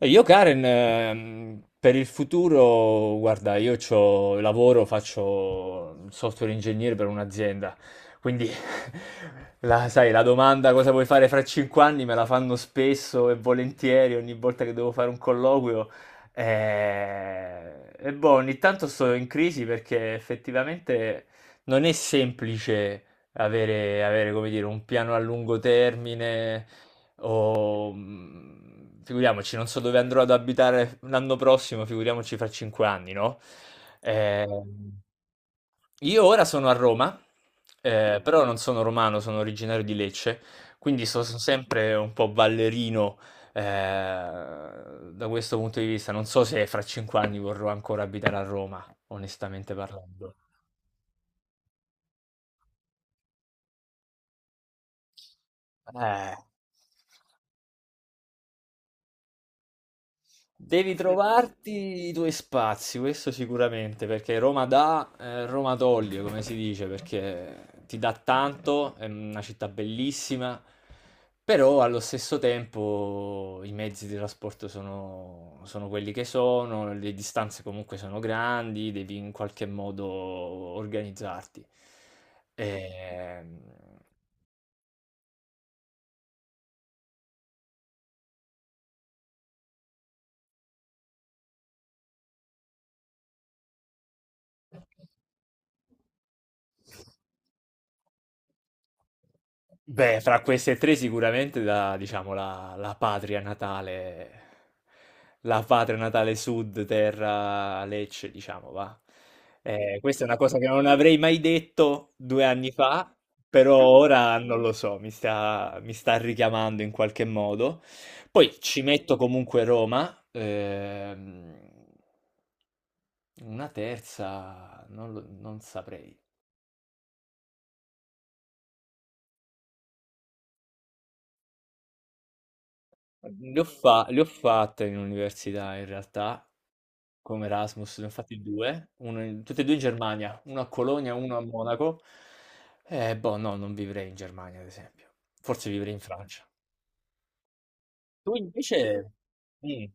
E io Karen, per il futuro, guarda, io lavoro, faccio il software ingegnere per un'azienda, quindi sai, la domanda cosa vuoi fare fra 5 anni me la fanno spesso e volentieri ogni volta che devo fare un colloquio. E, boh, ogni tanto sto in crisi perché effettivamente non è semplice avere, come dire, un piano a lungo termine o, figuriamoci, non so dove andrò ad abitare l'anno prossimo, figuriamoci fra 5 anni, no? Ehm, io ora sono a Roma, però non sono romano, sono originario di Lecce, quindi sono sempre un po' ballerino, eh, da questo punto di vista. Non so se fra 5 anni vorrò ancora abitare a Roma, onestamente parlando. Eh. Devi trovarti i tuoi spazi, questo sicuramente, perché Roma dà, Roma toglie, come si dice, perché ti dà tanto, è una città bellissima, però allo stesso tempo i mezzi di trasporto sono quelli che sono, le distanze comunque sono grandi, devi in qualche modo organizzarti. Ehm, Beh, fra queste tre sicuramente diciamo, la patria natale sud, terra Lecce, diciamo, va. Questa è una cosa che non avrei mai detto 2 anni fa, però ora non lo so, mi sta richiamando in qualche modo. Poi ci metto comunque Roma, una terza, non saprei. Le ho fatte in università in realtà, come Erasmus, ne ho fatti 2, uno in tutti e 2 in Germania, uno a Colonia, uno a Monaco. Boh, no, non vivrei in Germania, ad esempio. Forse vivrei in Francia. Tu invece. Mm.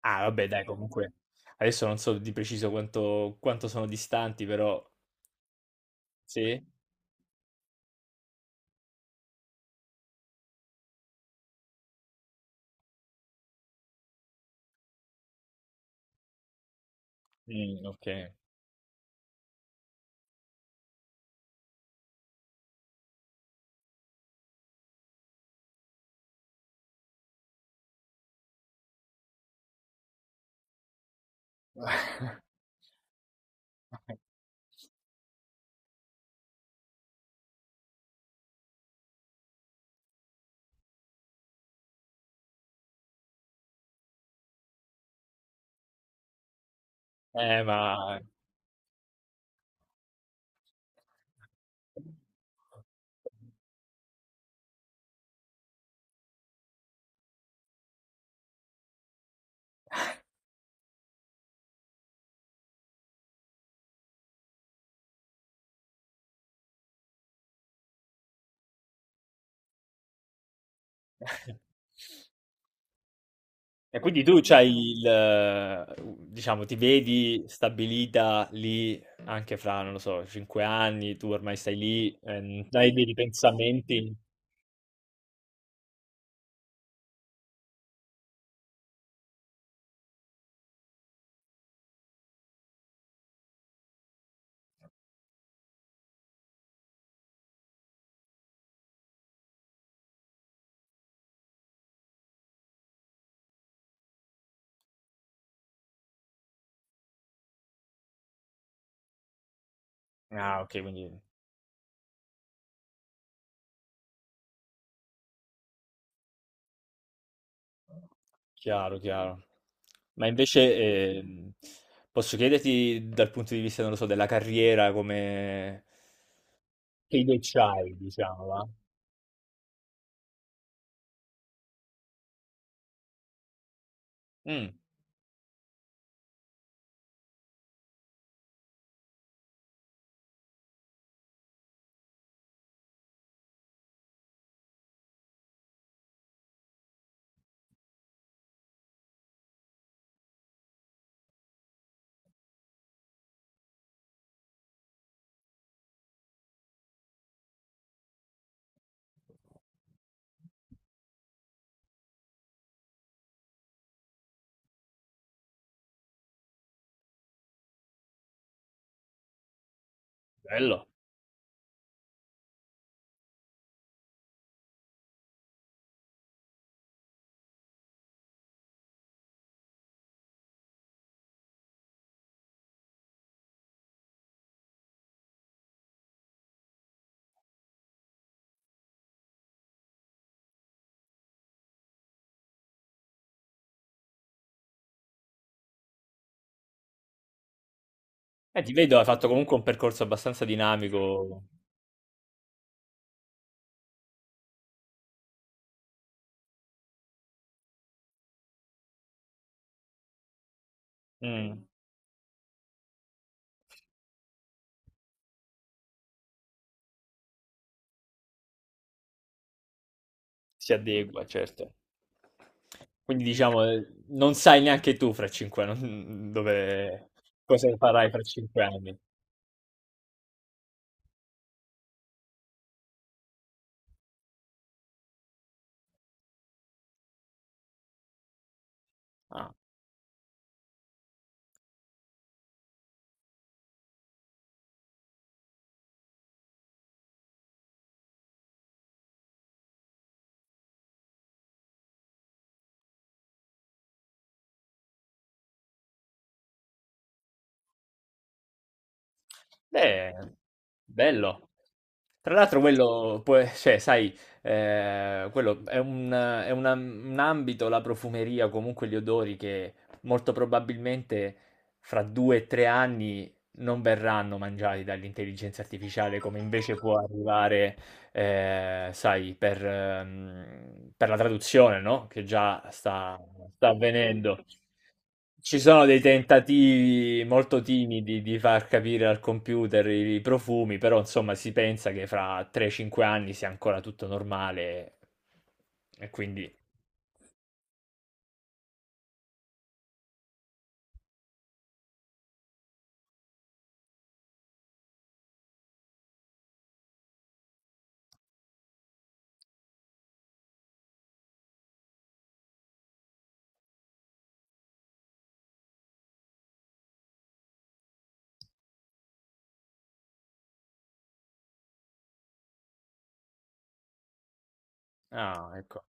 Ah, vabbè, dai, comunque. Adesso non so di preciso quanto sono distanti, però. Sì? Mm, ok. Ma. E quindi tu c'hai il, diciamo, ti vedi stabilita lì anche fra, non lo so, 5 anni, tu ormai stai lì, non hai dei pensamenti. Ah, ok, quindi chiaro, chiaro. Ma invece posso chiederti dal punto di vista, non lo so, della carriera, come che idee c'hai, diciamo, va? Mm, bello. Ti vedo, hai fatto comunque un percorso abbastanza dinamico. Mm, si adegua, certo. Quindi diciamo, non sai neanche tu fra 5 anni, dove, cosa farai fra 5 anni. Ah, beh, bello. Tra l'altro quello, cioè, sai, quello è un ambito, la profumeria, comunque gli odori che molto probabilmente fra 2 o 3 anni non verranno mangiati dall'intelligenza artificiale come invece può arrivare, sai, per la traduzione, no, che già sta avvenendo. Ci sono dei tentativi molto timidi di far capire al computer i profumi, però insomma si pensa che fra 3-5 anni sia ancora tutto normale e quindi. Ah, ecco.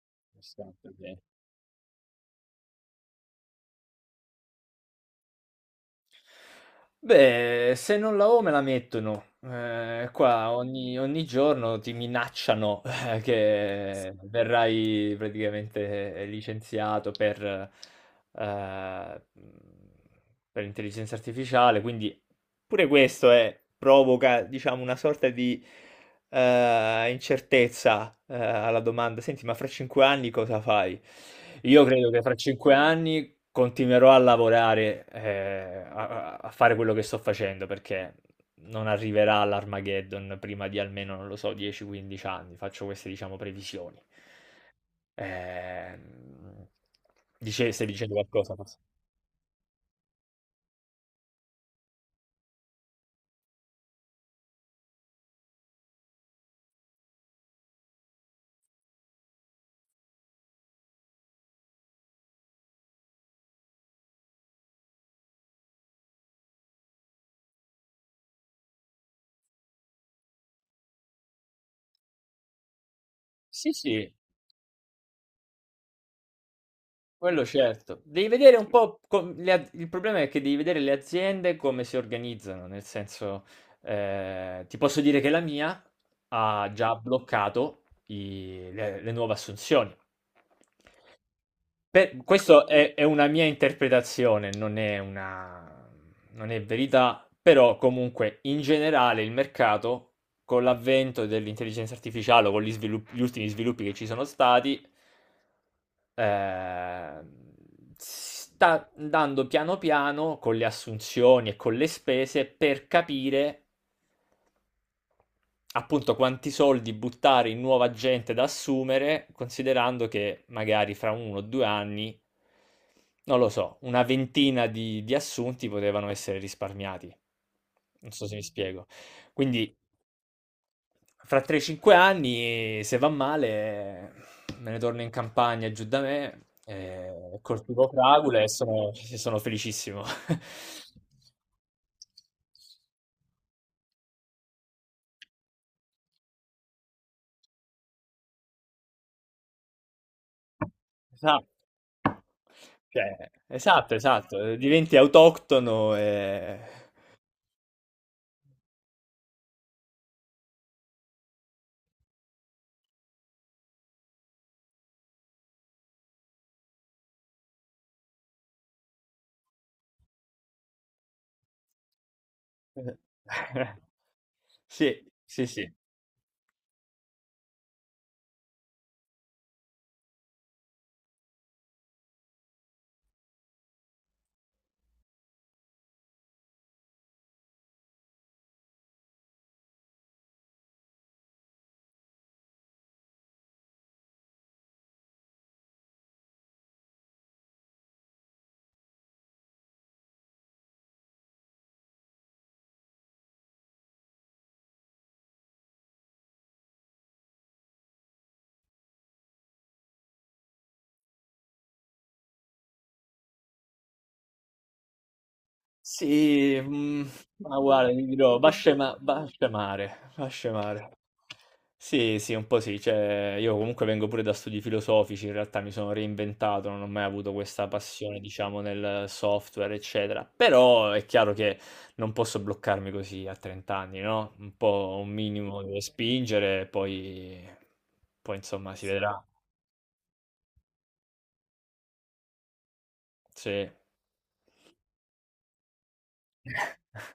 Beh, se non la ho me la mettono. Qua ogni giorno ti minacciano che verrai praticamente licenziato ehm, mhmm, per intelligenza artificiale, quindi pure questo è provoca diciamo una sorta di, incertezza, alla domanda: "Senti, ma fra 5 anni cosa fai?" Io credo che fra 5 anni continuerò a lavorare, a fare quello che sto facendo perché non arriverà l'Armageddon prima di almeno, non lo so, 10-15 anni. Faccio queste, diciamo, previsioni. Ehm, stai dicendo qualcosa, forse? Sì, sì, quello certo. Devi vedere un po' il problema è che devi vedere le aziende come si organizzano, nel senso, ti posso dire che la mia ha già bloccato le nuove assunzioni. Questo è, una mia interpretazione, non è verità, però comunque in generale il mercato, con l'avvento dell'intelligenza artificiale o con gli ultimi sviluppi che ci sono stati, eh, sta andando piano piano con le assunzioni e con le spese per capire appunto, quanti soldi buttare in nuova gente da assumere, considerando che magari fra 1 o 2 anni, non lo so, una ventina di assunti potevano essere risparmiati. Non so se mi spiego. Quindi, fra 3-5 anni, se va male, me ne torno in campagna giù da me, coltivo fragole e sono felicissimo. Esatto. Cioè, esatto, esatto, diventi autoctono e. Sì, sì, sì. Sì, ma guarda, ti dirò, va a scemare, va a scemare. Sì, sì, un po' sì, cioè, io comunque vengo pure da studi filosofici, in realtà mi sono reinventato, non ho mai avuto questa passione, diciamo, nel software, eccetera. Però è chiaro che non posso bloccarmi così a 30 anni, no? Un po' un minimo devo spingere, poi insomma si vedrà. Sì.